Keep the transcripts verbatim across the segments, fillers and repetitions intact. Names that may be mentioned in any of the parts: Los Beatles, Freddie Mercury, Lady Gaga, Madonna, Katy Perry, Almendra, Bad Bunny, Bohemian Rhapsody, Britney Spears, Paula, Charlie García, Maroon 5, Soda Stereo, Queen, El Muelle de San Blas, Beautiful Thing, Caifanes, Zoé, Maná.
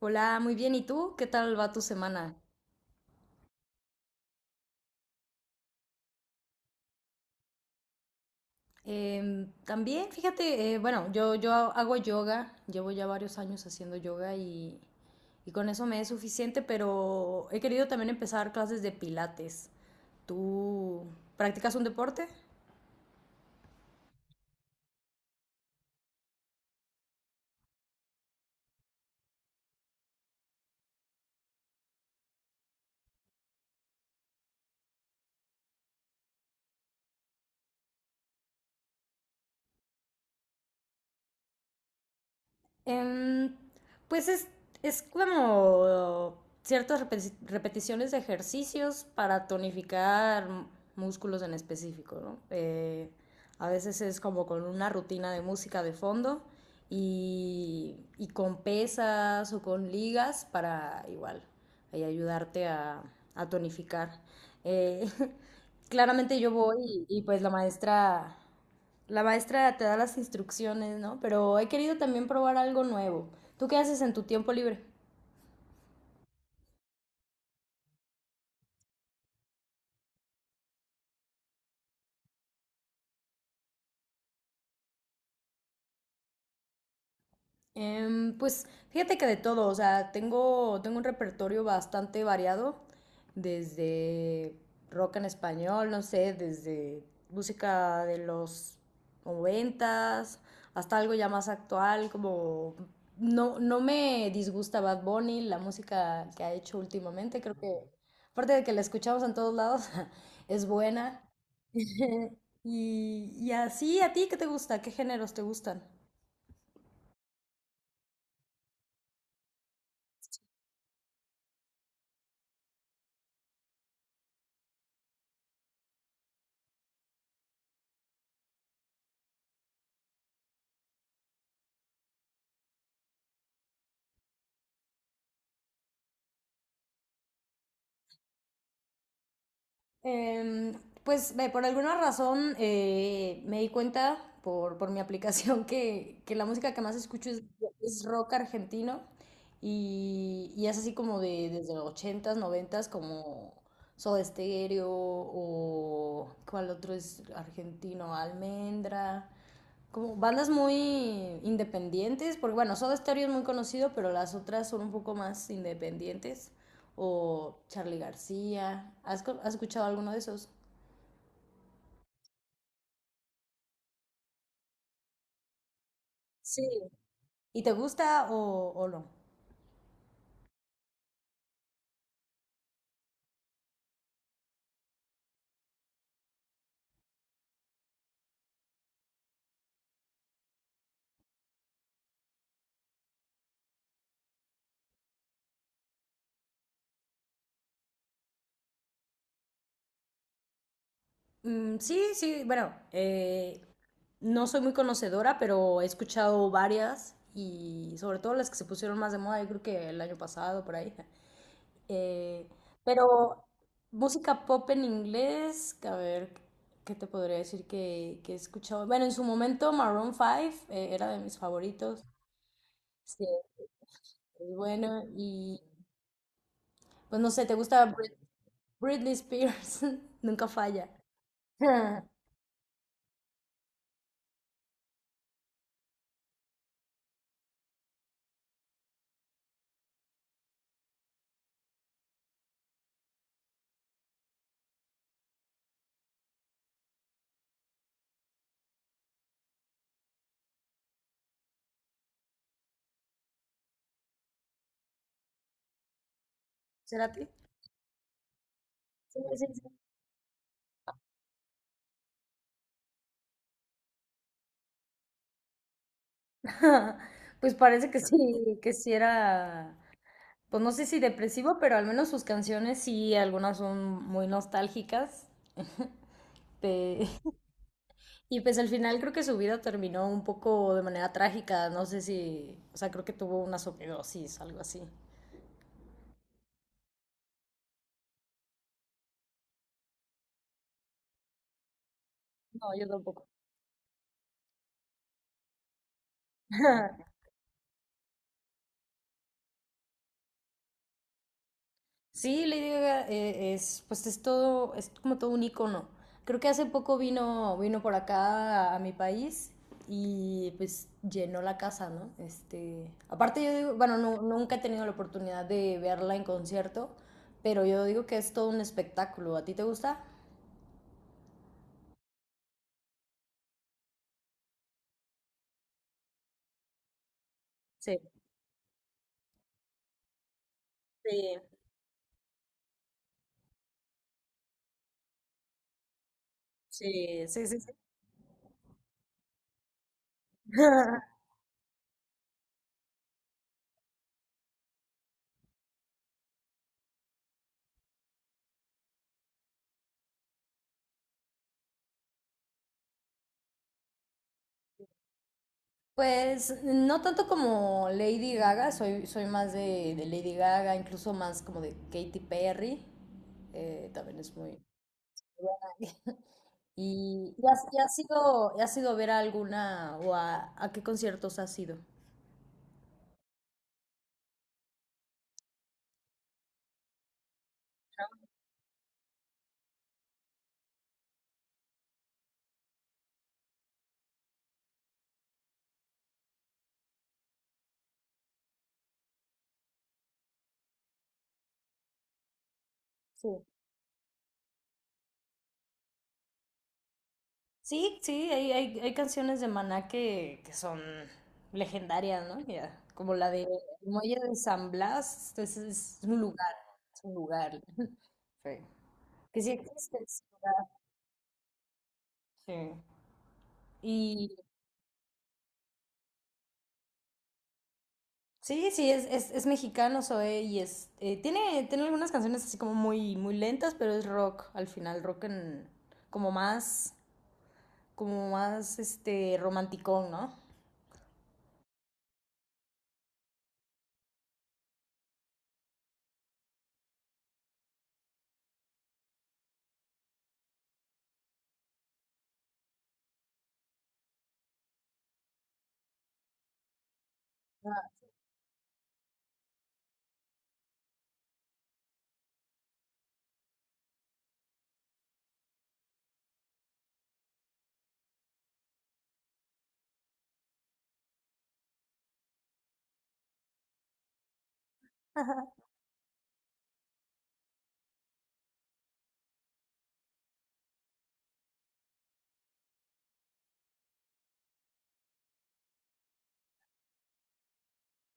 Hola, muy bien. ¿Y tú? ¿Qué tal va tu semana? Em, también, fíjate, eh, bueno, yo, yo hago yoga, llevo ya varios años haciendo yoga y, y con eso me es suficiente, pero he querido también empezar clases de pilates. ¿Tú practicas un deporte? Em, pues es, es como ciertas repeti- repeticiones de ejercicios para tonificar m- músculos en específico, ¿no? Eh, a veces es como con una rutina de música de fondo y, y con pesas o con ligas para igual ahí ayudarte a, a tonificar. Eh, Claramente yo voy y, y pues la maestra la maestra te da las instrucciones, ¿no? Pero he querido también probar algo nuevo. ¿Tú qué haces en tu tiempo libre? Em, pues fíjate que de todo, o sea, tengo, tengo un repertorio bastante variado, desde rock en español, no sé, desde música de los noventas, hasta algo ya más actual, como no, no me disgusta Bad Bunny, la música que ha hecho últimamente, creo que, aparte de que la escuchamos en todos lados, es buena. Y, y así, ¿a ti qué te gusta? ¿Qué géneros te gustan? Em, pues ve, por alguna razón eh, me di cuenta por, por mi aplicación que, que la música que más escucho es, es rock argentino y, y es así como de desde los ochentas noventas como Soda Stereo o ¿cuál otro es argentino? Almendra, como bandas muy independientes, porque bueno, Soda Stereo es muy conocido, pero las otras son un poco más independientes. O Charlie García. ¿Has, co- ¿has escuchado alguno de esos? Sí. ¿Y te gusta o, o no? Mm, sí, sí, bueno, eh, no soy muy conocedora, pero he escuchado varias y sobre todo las que se pusieron más de moda, yo creo que el año pasado, por ahí. Eh, pero música pop en inglés, a ver, ¿qué te podría decir que, que he escuchado? Bueno, en su momento Maroon cinco eh, era de mis favoritos. Sí, es bueno. Y pues no sé, ¿te gusta Brit- Britney Spears? Nunca falla. ¿Será ti? Sí, sí, sí. Pues parece que sí, que sí era, pues no sé si depresivo, pero al menos sus canciones sí, algunas son muy nostálgicas. Pe- Y pues al final creo que su vida terminó un poco de manera trágica, no sé si, o sea, creo que tuvo una sobredosis, algo así. No, yo tampoco. Sí, Lady Gaga eh, es, pues es todo, es como todo un icono. Creo que hace poco vino, vino por acá a, a mi país y pues llenó la casa, ¿no? Este, aparte yo digo, bueno, no- nunca he tenido la oportunidad de verla en concierto, pero yo digo que es todo un espectáculo. ¿A ti te gusta? Sí, sí, sí, sí, sí, sí. Pues no tanto como Lady Gaga, soy, soy más de, de Lady Gaga, incluso más como de Katy Perry, eh, también es muy... ¿Y, y has, y has ido, ¿Y has ido a ver a alguna o a, a qué conciertos has ido? Sí. Sí, sí, hay, hay, hay canciones de Maná que, que son legendarias, ¿no? Ya, como la de El Muelle de San Blas, es, es un lugar, es un lugar. Sí. Que sí existe. Sí. Sí. Y sí, sí, es, es, es mexicano Zoé y es, eh, tiene, tiene algunas canciones así como muy, muy lentas, pero es rock al final, rock en, como más, como más, este, romanticón, ¿no?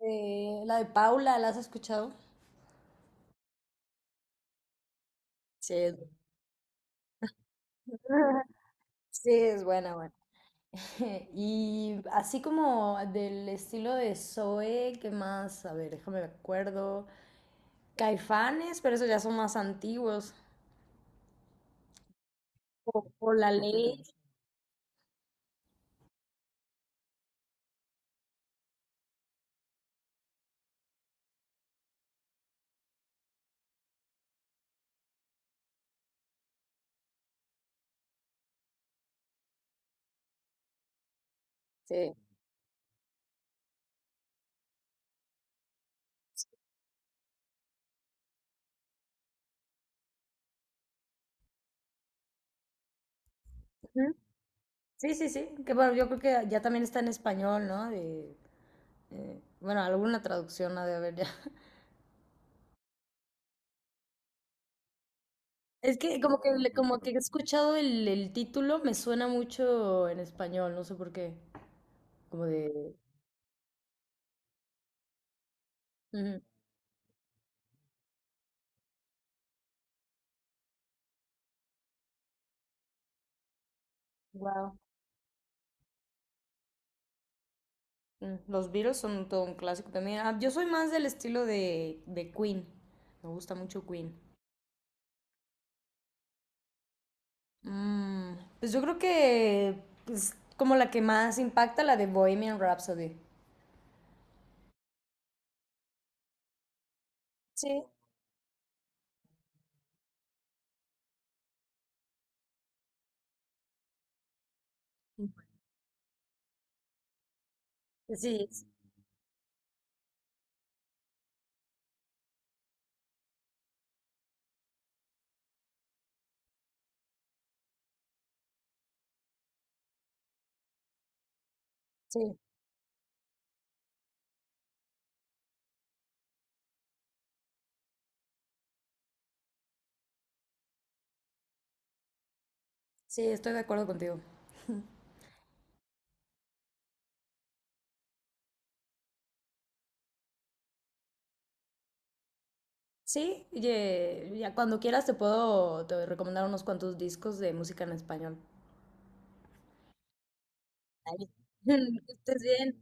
Eh, la de Paula, ¿la has escuchado? Sí, es- sí, es buena, buena. Y así como del estilo de Zoe, ¿qué más? A ver, déjame me acuerdo. Caifanes, pero esos ya son más antiguos. Por, por la ley. Sí. Sí, sí, sí. Que bueno, yo creo que ya también está en español, ¿no? De- eh, bueno, alguna traducción ha de haber ya. Es que como que le- como que he escuchado el, el título, me suena mucho en español, no sé por qué. Como de. Wow. Los Beatles son todo un clásico también. Ah, yo soy más del estilo de, de Queen. Me gusta mucho Queen. Mm, pues yo creo que es como la que más impacta, la de Bohemian Rhapsody. Sí, sí, sí. Sí, estoy de acuerdo contigo. Sí, ye- ya cuando quieras te puedo te recomendar unos cuantos discos de música en español. Ay. Que estés bien.